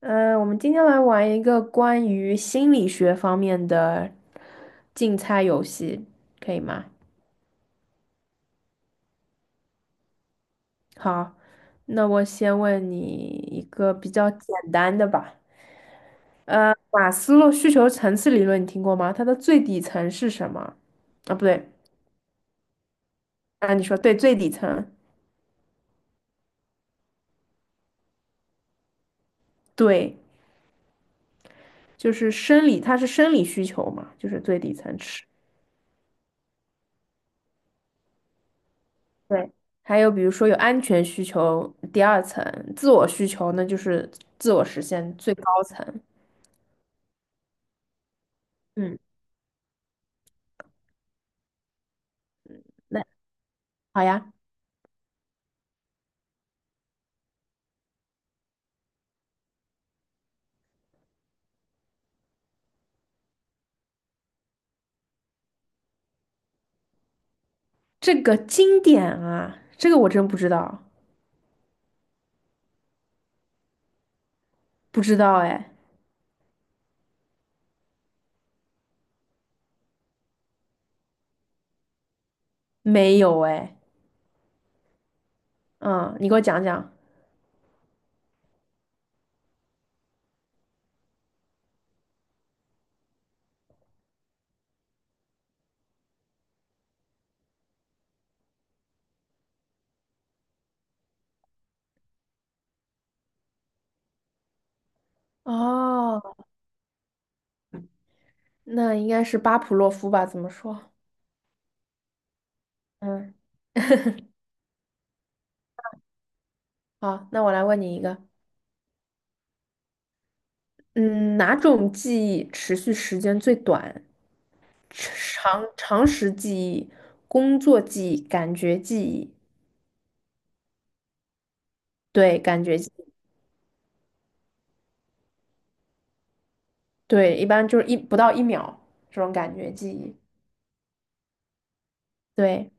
我们今天来玩一个关于心理学方面的竞猜游戏，可以吗？好，那我先问你一个比较简单的吧。马斯洛需求层次理论你听过吗？它的最底层是什么？啊，不对，啊，你说对，最底层，对，就是生理，它是生理需求嘛，就是最底层吃。对。还有比如说有安全需求，第二层；自我需求那就是自我实现最高层。嗯，那好呀，这个经典啊，这个我真不知道，不知道哎，没有哎，嗯，你给我讲讲。哦，那应该是巴甫洛夫吧？怎么说？嗯，好，那我来问你一个，嗯，哪种记忆持续时间最短？长常识记忆、工作记忆、感觉记忆，对，感觉记忆对，一般就是不到一秒这种感觉记忆，对。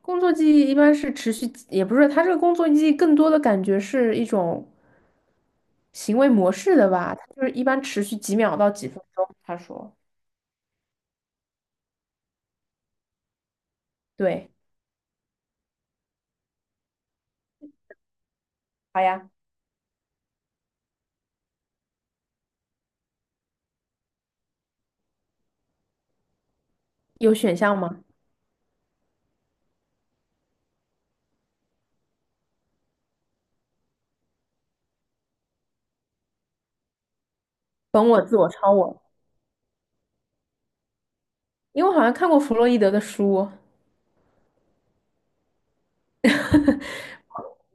工作记忆一般是持续，也不是，它这个工作记忆更多的感觉是一种行为模式的吧，它就是一般持续几秒到几分钟。他说，对，好呀，有选项吗？本我、自我、超我，因为我好像看过弗洛伊德的书，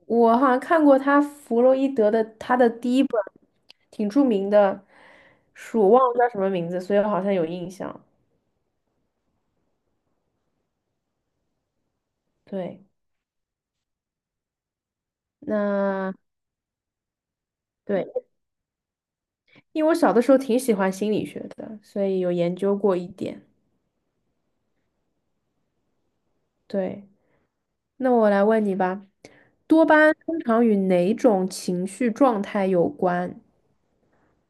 我好像看过弗洛伊德的他的第一本挺著名的书，我忘了叫什么名字，所以我好像有印象。对，那对。因为我小的时候挺喜欢心理学的，所以有研究过一点。对，那我来问你吧，多巴胺通常与哪种情绪状态有关？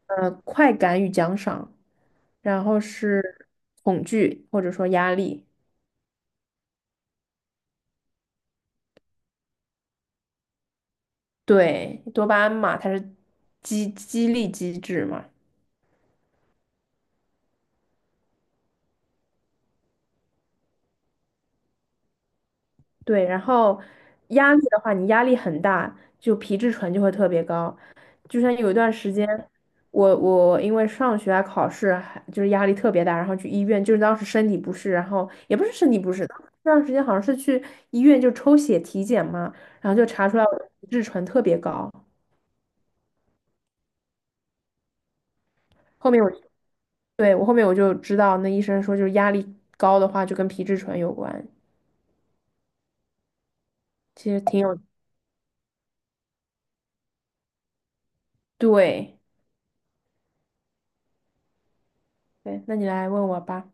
快感与奖赏，然后是恐惧或者说压力。对，多巴胺嘛，它是激励机制嘛，对，然后压力的话，你压力很大，就皮质醇就会特别高。就像有一段时间，我因为上学啊、考试还就是压力特别大，然后去医院，就是当时身体不适，然后也不是身体不适，当时那段时间好像是去医院就抽血体检嘛，然后就查出来我的皮质醇特别高。后面我对我后面我就知道，那医生说就是压力高的话就跟皮质醇有关，其实挺有对对。那你来问我吧，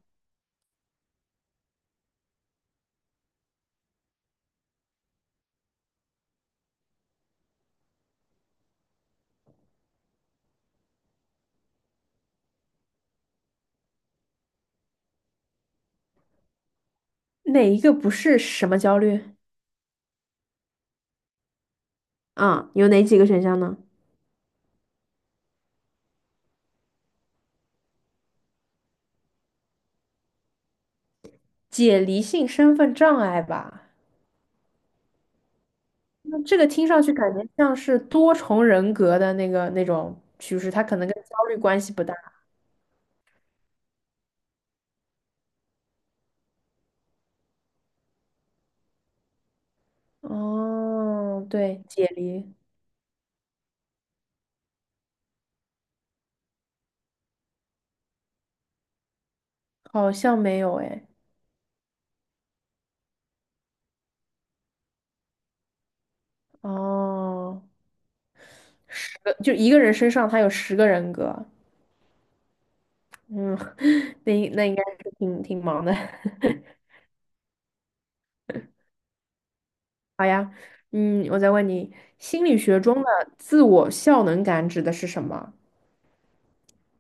哪一个不是什么焦虑？啊，有哪几个选项呢？解离性身份障碍吧。那这个听上去感觉像是多重人格的那个那种趋势，它可能跟焦虑关系不大。哦，对，解离好像没有哎。哦，十个就一个人身上他有十个人格。嗯，那那应该是挺忙的。嗯，我再问你，心理学中的自我效能感指的是什么？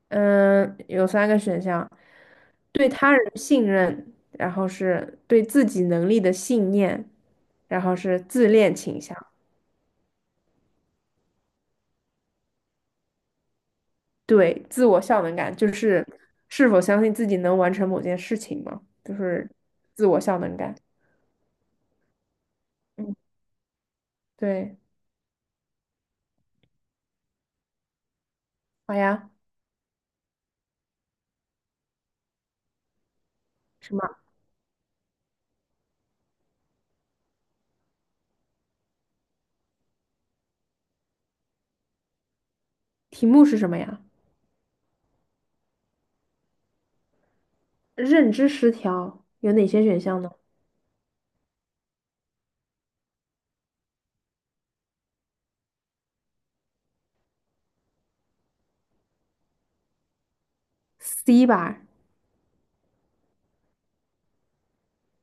嗯，有三个选项：对他人信任，然后是对自己能力的信念，然后是自恋倾向，对自我效能感，就是是否相信自己能完成某件事情嘛，就是自我效能感。嗯，对，好呀。什么？题目是什么呀？认知失调有哪些选项呢？C 吧，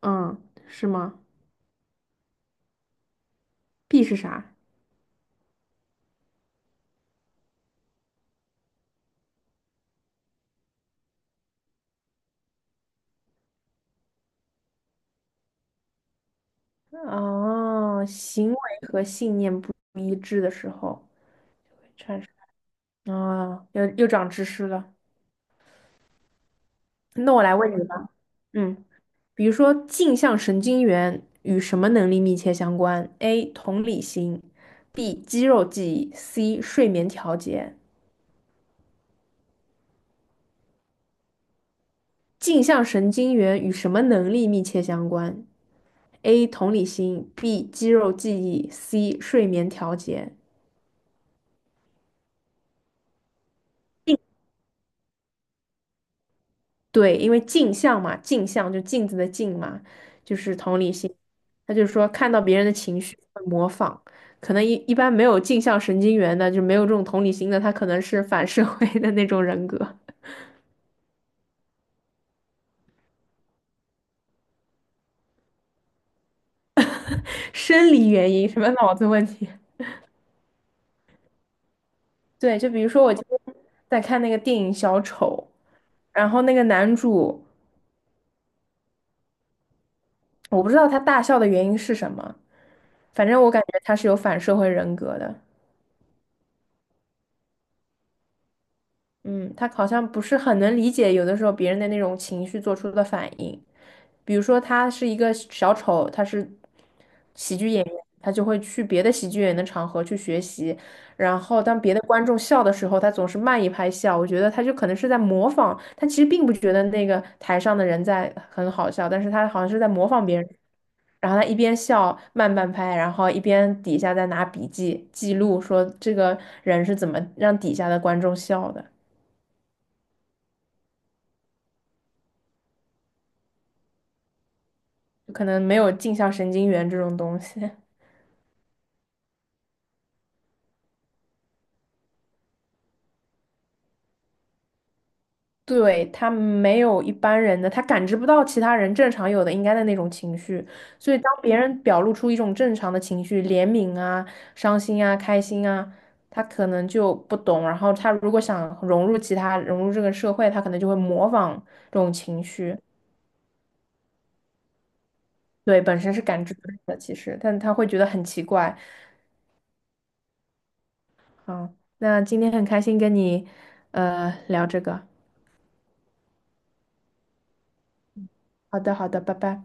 嗯，是吗？B 是啥？哦，行为和信念不一致的时候。产生啊，又长知识了。那我来问你吧，嗯，比如说镜像神经元与什么能力密切相关？A. 同理心，B. 肌肉记忆，C. 睡眠调节。镜像神经元与什么能力密切相关？A. 同理心，B. 肌肉记忆，C. 睡眠调节。对，因为镜像嘛，镜像就镜子的镜嘛，就是同理心。他就说看到别人的情绪会模仿，可能一般没有镜像神经元的，就没有这种同理心的，他可能是反社会的那种人格，生理原因，什么脑子问题。对，就比如说我今天在看那个电影《小丑》，然后那个男主，我不知道他大笑的原因是什么，反正我感觉他是有反社会人格的。嗯，他好像不是很能理解有的时候别人的那种情绪做出的反应，比如说他是一个小丑，他是喜剧演员，他就会去别的喜剧演员的场合去学习，然后当别的观众笑的时候，他总是慢一拍笑，我觉得他就可能是在模仿，他其实并不觉得那个台上的人在很好笑，但是他好像是在模仿别人，然后他一边笑慢半拍，然后一边底下在拿笔记记录说这个人是怎么让底下的观众笑的。就可能没有镜像神经元这种东西，对，他没有一般人的，他感知不到其他人正常有的应该的那种情绪，所以当别人表露出一种正常的情绪，怜悯啊、伤心啊、开心啊，他可能就不懂，然后他如果想融入其他、融入这个社会，他可能就会模仿这种情绪，对，本身是感知不到的，其实，但他会觉得很奇怪。好，那今天很开心跟你聊这个，好的，好的，拜拜。